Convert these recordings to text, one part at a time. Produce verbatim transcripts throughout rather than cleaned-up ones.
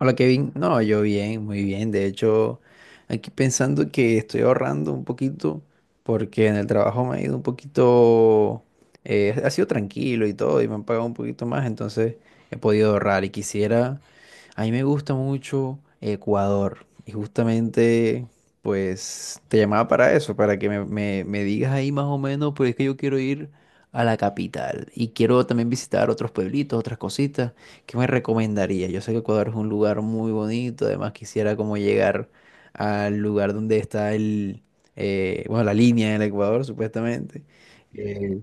Hola Kevin, no, yo bien, muy bien. De hecho, aquí pensando que estoy ahorrando un poquito porque en el trabajo me ha ido un poquito, eh, ha sido tranquilo y todo y me han pagado un poquito más, entonces he podido ahorrar y quisiera a mí me gusta mucho Ecuador y justamente pues te llamaba para eso, para que me, me- me digas ahí más o menos, porque es que yo quiero ir a la capital y quiero también visitar otros pueblitos, otras cositas. ¿Qué me recomendaría? Yo sé que Ecuador es un lugar muy bonito, además quisiera como llegar al lugar donde está el, eh, bueno, la línea del Ecuador supuestamente. Eh,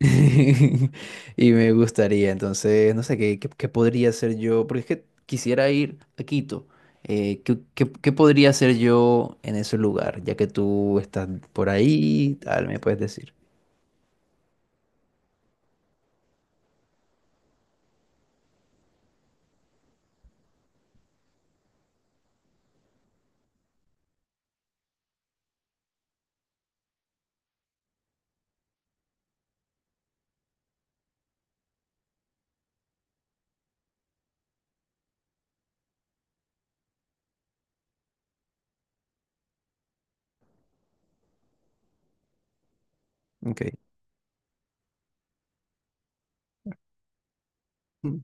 Y me gustaría, entonces, no sé, ¿qué, qué, qué podría hacer yo? Porque es que quisiera ir a Quito. Eh, ¿qué, qué- qué podría hacer yo en ese lugar? Ya que tú estás por ahí, tal, me puedes decir. Ok, mm,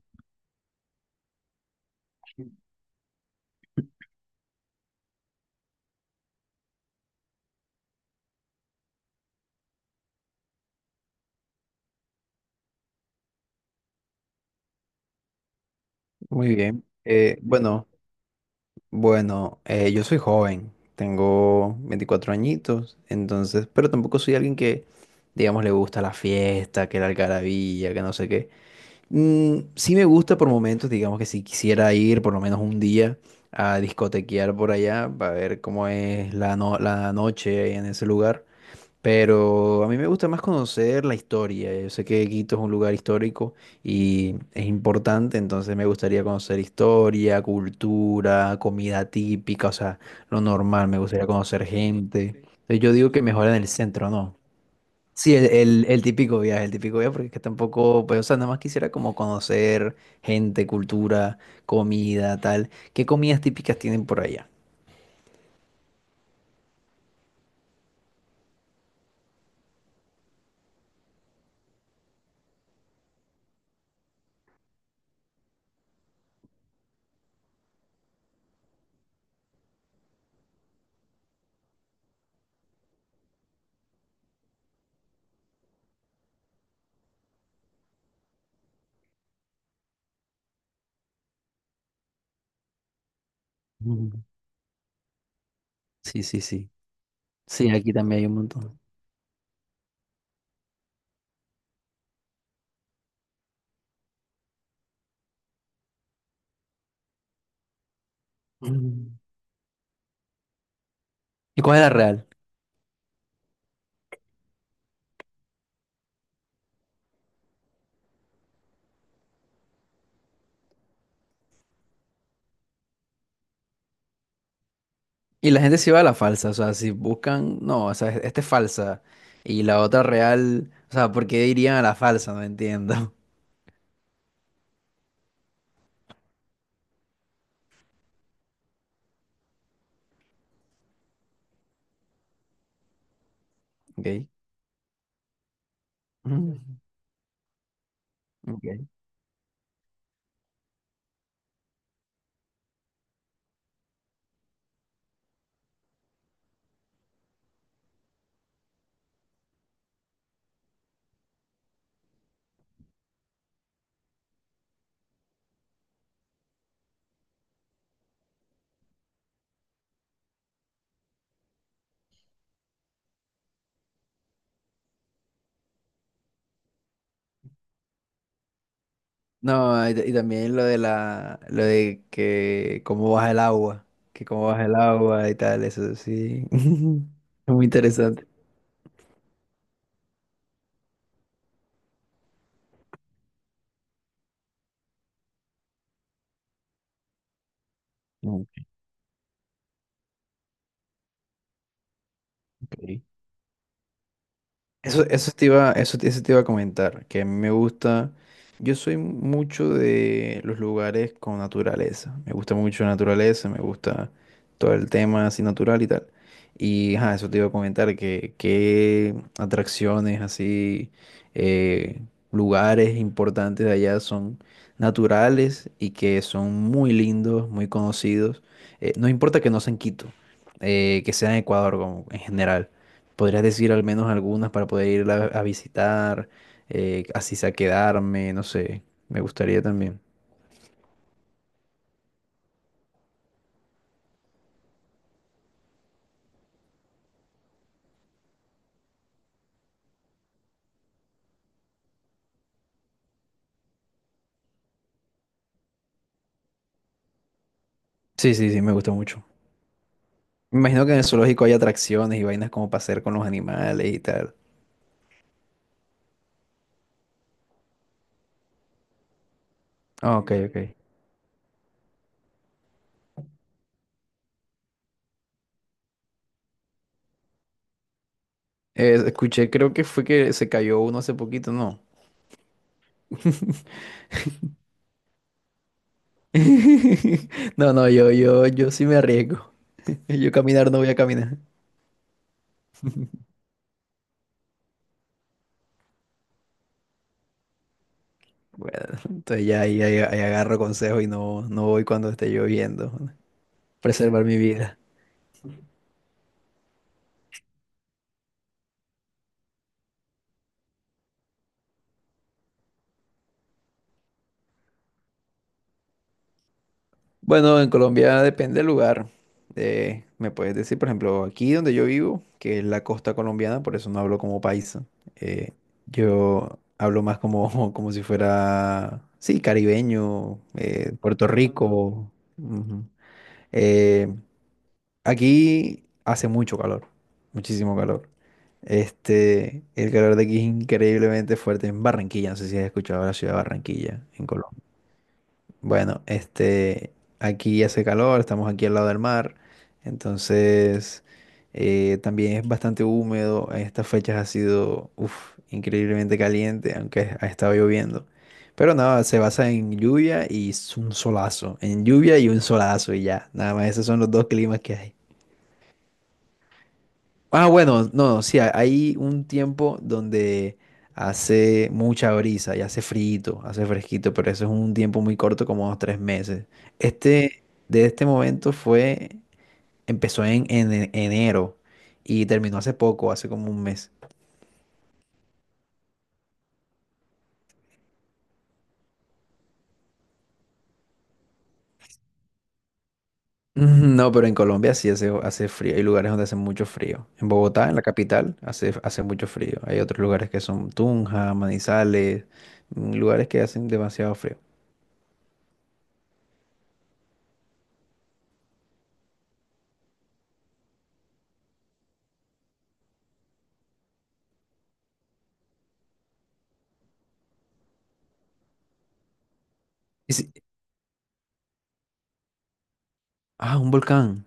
muy bien. Eh, bueno, bueno, eh, yo soy joven, tengo veinticuatro añitos, entonces, pero tampoco soy alguien que, digamos, le gusta la fiesta, que la algarabía, que no sé qué. Mm, sí me gusta por momentos, digamos que si quisiera ir por lo menos un día a discotequear por allá para ver cómo es la, no- la noche ahí en ese lugar. Pero a mí me gusta más conocer la historia. Yo sé que Quito es un lugar histórico y es importante, entonces me gustaría conocer historia, cultura, comida típica, o sea, lo normal, me gustaría conocer gente. Entonces yo digo que mejor en el centro, ¿no? Sí, el, el, el típico viaje, el típico viaje, porque es que tampoco, pues, o sea, nada más quisiera como conocer gente, cultura, comida, tal. ¿Qué comidas típicas tienen por allá? Mm. Sí, sí, sí. Sí, aquí también hay un montón. Mm. ¿Y cuál es la real? Y la gente se va a la falsa, o sea, si buscan, no, o sea, esta es falsa. Y la otra real, o sea, ¿por qué irían a la falsa? No entiendo. Ok. Mm. Ok. No, y, y también lo de la, lo de que cómo baja el agua, que cómo baja el agua y tal, eso sí. Es muy interesante. Ok. Eso, eso te iba, eso, te- eso te iba a comentar, que a mí me gusta, yo soy mucho de los lugares con naturaleza, me gusta mucho la naturaleza, me gusta todo el tema así natural y tal. Y ajá, eso te iba a comentar, que qué atracciones así, eh, lugares importantes de allá son naturales y que son muy lindos, muy conocidos. Eh, no importa que no sean Quito, eh, que sea en Ecuador como en general. Podrías decir al menos algunas para poder irla a visitar, eh, así sea quedarme, no sé. Me gustaría también. Sí, sí, sí, me gusta mucho. Me imagino que en el zoológico hay atracciones y vainas como para hacer con los animales y tal. Ah, ok, ok. Eh, escuché, creo que fue que se cayó uno hace poquito, ¿no? No, no, yo, yo, yo sí me arriesgo. Yo caminar no voy a caminar. Bueno, entonces ya ahí, ahí- ahí agarro consejo y no, no voy cuando esté lloviendo. Preservar mi vida. Bueno, en Colombia depende del lugar. Eh, me puedes decir, por ejemplo, aquí donde yo vivo, que es la costa colombiana, por eso no hablo como paisa. Eh, yo hablo más como, como si fuera, sí, caribeño, eh, Puerto Rico. Ujú. Eh, aquí hace mucho calor, muchísimo calor. Este, el calor de aquí es increíblemente fuerte en Barranquilla. No sé si has escuchado la ciudad de Barranquilla en Colombia. Bueno, este, aquí hace calor, estamos aquí al lado del mar, entonces eh, también es bastante húmedo. En estas fechas ha sido, uf, increíblemente caliente, aunque ha estado lloviendo. Pero nada, se basa en lluvia y s- un solazo, en lluvia y un solazo y ya. Nada más, esos son los dos climas que hay. Ah, bueno, no, sí, ha- hay un tiempo donde hace mucha brisa y hace frito, hace fresquito, pero eso es un tiempo muy corto, como dos, tres meses. Este, de este momento fue, empezó en, en en- enero y terminó hace poco, hace como un mes. Mm, no, pero en Colombia sí hace, hace frío. Hay lugares donde hace mucho frío. En Bogotá, en la capital, hace, hace mucho frío. Hay otros lugares que son Tunja, Manizales, mm, lugares que hacen demasiado frío. Y sí- Ah, un volcán.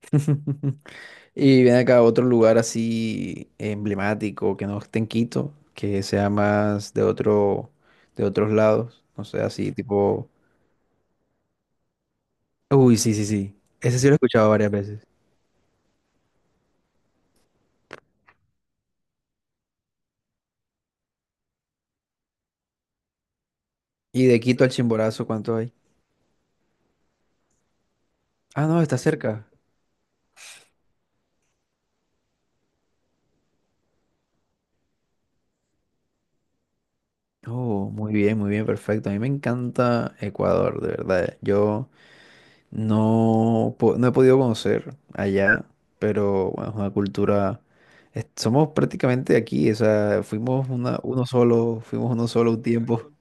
Y viene acá otro lugar así emblemático que no esté en Quito, que sea más de otro, de otros lados, no sé, así tipo. Uy, sí, sí, sí. Ese sí lo he escuchado varias veces. Y de Quito al Chimborazo, ¿cuánto hay? Ah, no, está cerca. Oh, muy bien, muy bien, perfecto. A mí me encanta Ecuador, de verdad. Yo No, po- no he podido conocer allá, pero bueno, es una cultura. Es- somos prácticamente aquí, o sea, fuimos una, uno solo, fuimos uno solo un tiempo.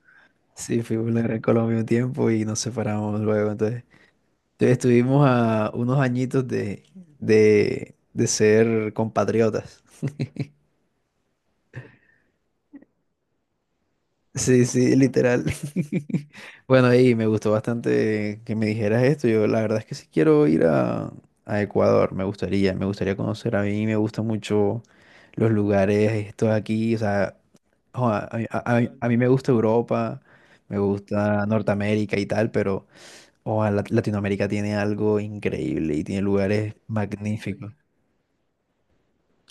Sí, fuimos la Gran Colombia un tiempo y nos separamos luego. Entonces, entonces estuvimos a unos añitos de, de, de ser compatriotas. Sí, sí, literal. Bueno, y me gustó bastante que me dijeras esto. Yo la verdad es que sí quiero ir a, a Ecuador, me gustaría, me gustaría conocer. A mí me gustan mucho los lugares estos aquí, o sea, jo, a, a- a- a- mí a mí me gusta Europa, me gusta Norteamérica y tal, pero ojalá Latinoamérica tiene algo increíble y tiene lugares magníficos.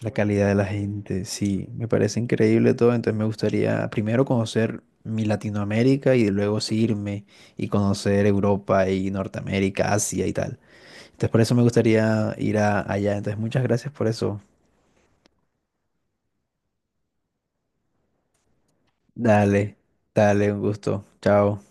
La calidad de la gente, sí, me parece increíble todo, entonces me gustaría primero conocer mi Latinoamérica y luego sí irme y conocer Europa y Norteamérica, Asia y tal. Entonces por eso me gustaría ir a- allá, entonces muchas gracias por eso. Dale, dale, un gusto, chao.